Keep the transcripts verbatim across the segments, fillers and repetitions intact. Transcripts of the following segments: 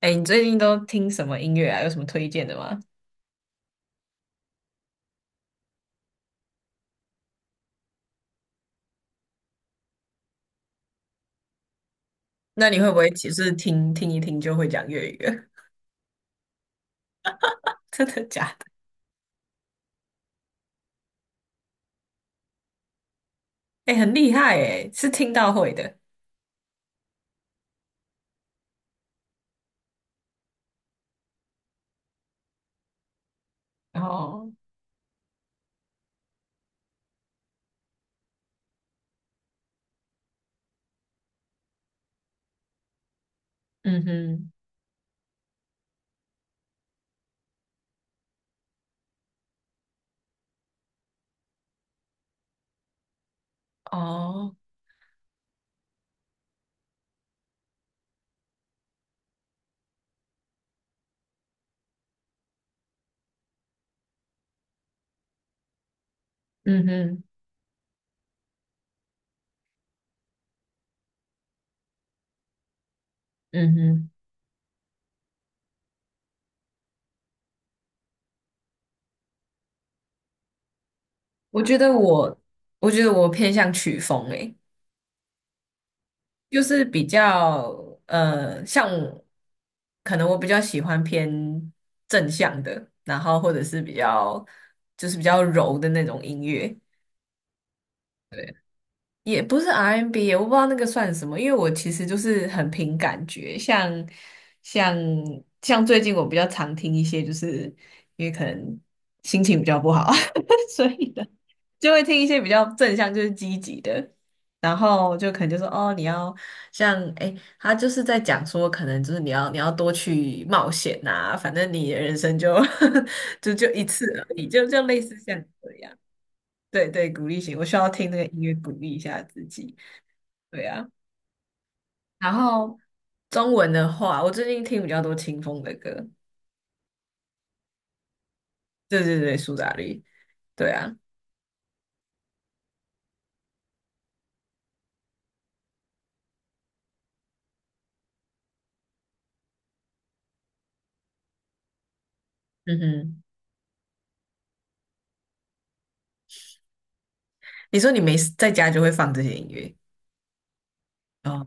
哎，你最近都听什么音乐啊？有什么推荐的吗？那你会不会只是听听一听就会讲粤语了？ 真的假的？哎，很厉害哎，是听到会的。哦，嗯哼，哦，嗯哼，嗯哼，我觉得我，我觉得我偏向曲风哎，就是比较呃，像可能我比较喜欢偏正向的，然后或者是比较就是比较柔的那种音乐。对。也不是 R M B，我不知道那个算什么，因为我其实就是很凭感觉，像像像最近我比较常听一些，就是因为可能心情比较不好，所以的就会听一些比较正向，就是积极的，然后就可能就说哦，你要像哎，他就是在讲说，可能就是你要你要多去冒险呐、反正你的人生就 就就一次而已，就就类似像这样。对对，鼓励型，我需要听那个音乐鼓励一下自己。对啊，然后中文的话，我最近听比较多清风的歌。对对对，苏打绿。对啊，嗯哼，你说你没事在家就会放这些音乐哦？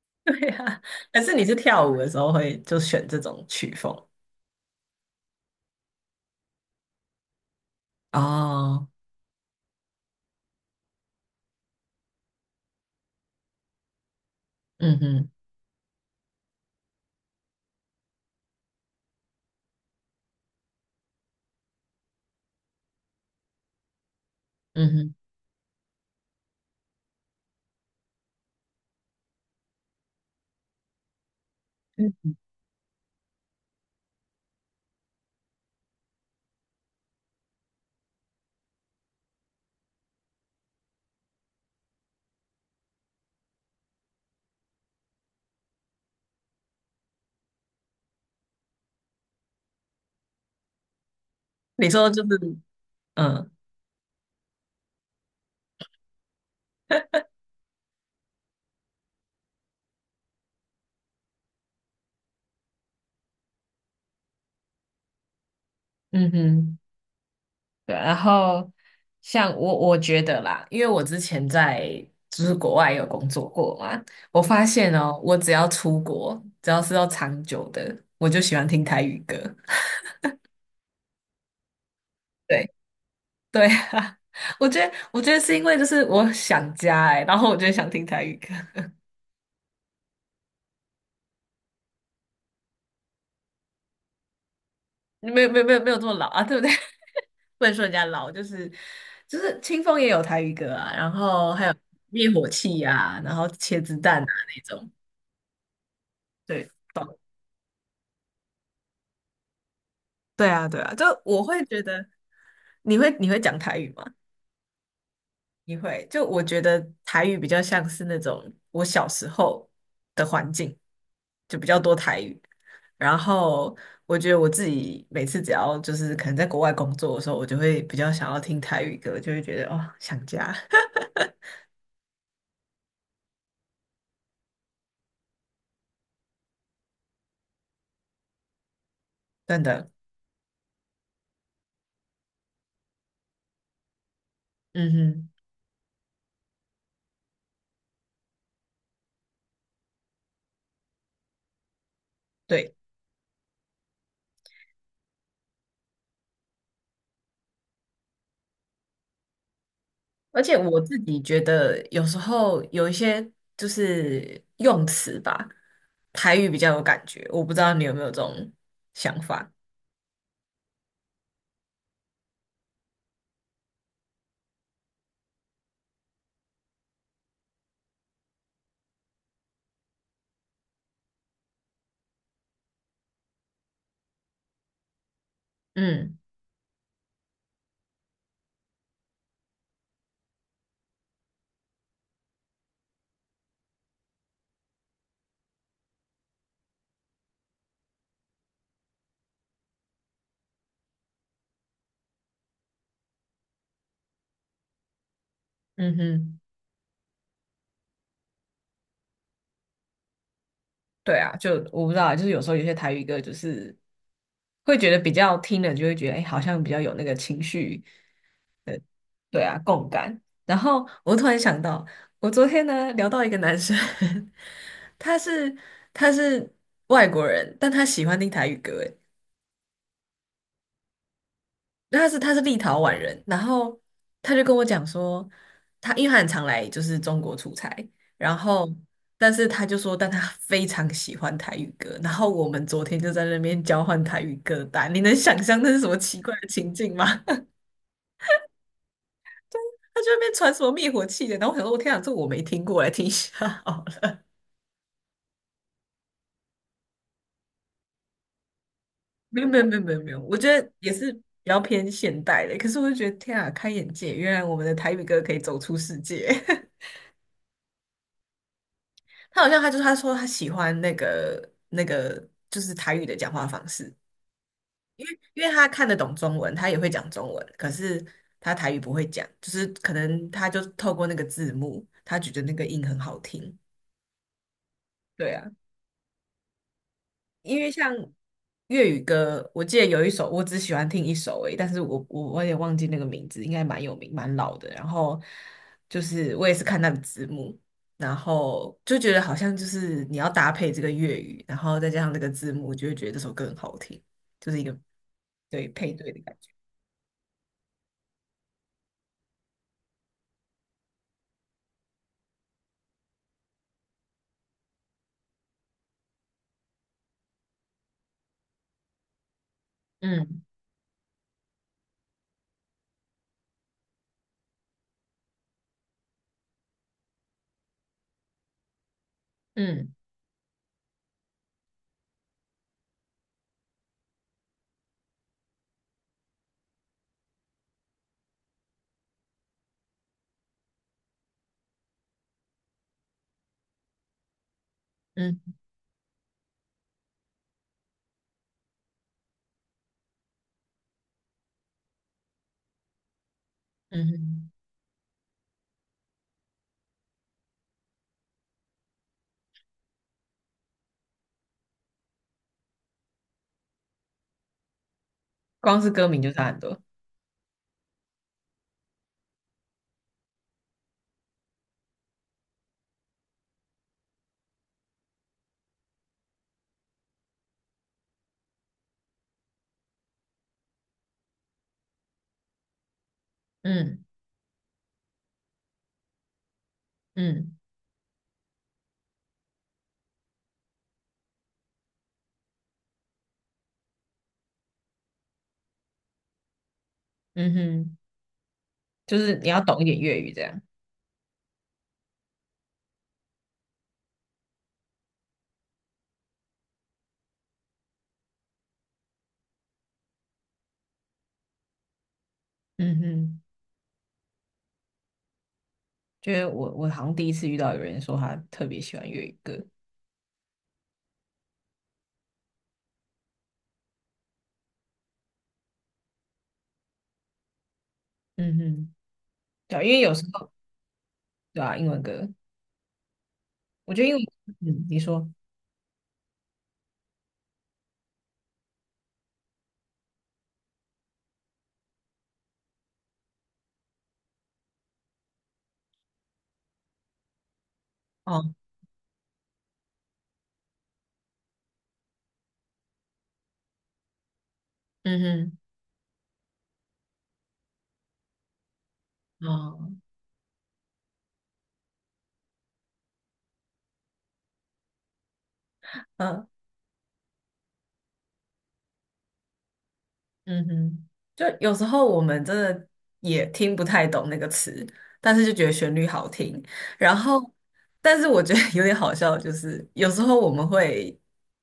对啊，还是你是跳舞的时候会就选这种曲风？哦，嗯哼，嗯哼，嗯你说就是，嗯嗯哼。对，然后像我，我觉得啦，因为我之前在就是国外有工作过嘛，我发现哦，我只要出国，只要是要长久的，我就喜欢听台语歌。对对啊，我觉得我觉得是因为就是我想家哎、然后我就想听台语歌，没有没有没有没有这么老啊，对不对？不能说人家老，就是就是清风也有台语歌啊，然后还有灭火器啊，然后切子蛋啊那种，对。对啊，对啊，就我会觉得你会你会讲台语吗？你会，就我觉得台语比较像是那种我小时候的环境，就比较多台语。然后我觉得我自己每次只要就是可能在国外工作的时候，我就会比较想要听台语歌，就会觉得哦想家。真的，嗯哼，对。而且我自己觉得，有时候有一些就是用词吧，台语比较有感觉。我不知道你有没有这种想法？嗯嗯哼，对啊，就我不知道啊，就是有时候有些台语歌就是会觉得比较听了就会觉得，哎、好像比较有那个情绪，对啊，共感。然后我突然想到，我昨天呢聊到一个男生，他是他是外国人，但他喜欢听台语歌，哎他是他是立陶宛人，然后他就跟我讲说，他因为他很常来就是中国出差，然后但是他就说，但他非常喜欢台语歌，然后我们昨天就在那边交换台语歌单，你能想象那是什么奇怪的情境吗？他就在那边传什么灭火器的，然后我想说，我天啊，这我没听过，来听一下好了。没有没有没有没有没有，我觉得也是比较偏现代的，可是我就觉得天啊，开眼界，原来我们的台语歌可以走出世界。他好像他就是他说他喜欢那个那个就是台语的讲话方式，因为他看得懂中文，他也会讲中文，可是他台语不会讲，就是可能他就透过那个字幕，他觉得那个音很好听。对啊，因为像粤语歌，我记得有一首，我只喜欢听一首而已，但是我我我也忘记那个名字，应该蛮有名、蛮老的。然后就是我也是看那个字幕，然后就觉得好像就是你要搭配这个粤语，然后再加上那个字幕，就会觉得这首歌很好听，就是一个对配对的感觉。嗯嗯嗯嗯哼，光是歌名就差很多。嗯嗯嗯哼，就是你要懂一点粤语这样。嗯哼。就是我我好像第一次遇到有人说他特别喜欢粤语歌，嗯哼，对啊因为有时候对啊，英文歌，我觉得英文，嗯，你说，哦，嗯哼，哦，嗯。嗯哼，就有时候我们真的也听不太懂那个词，但是就觉得旋律好听。然后，但是我觉得 有点好笑就是，有时候我们会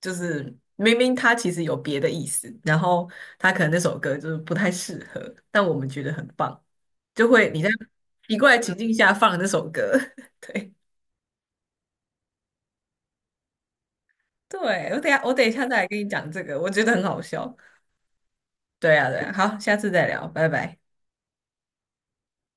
就是明明它其实有别的意思，然后它可能那首歌就是不太适合，但我们觉得很棒，就会你在奇怪的情境下放那首歌。对对，我等一下我等一下再来跟你讲这个，我觉得很好笑。对啊对啊，好，下次再聊，拜拜。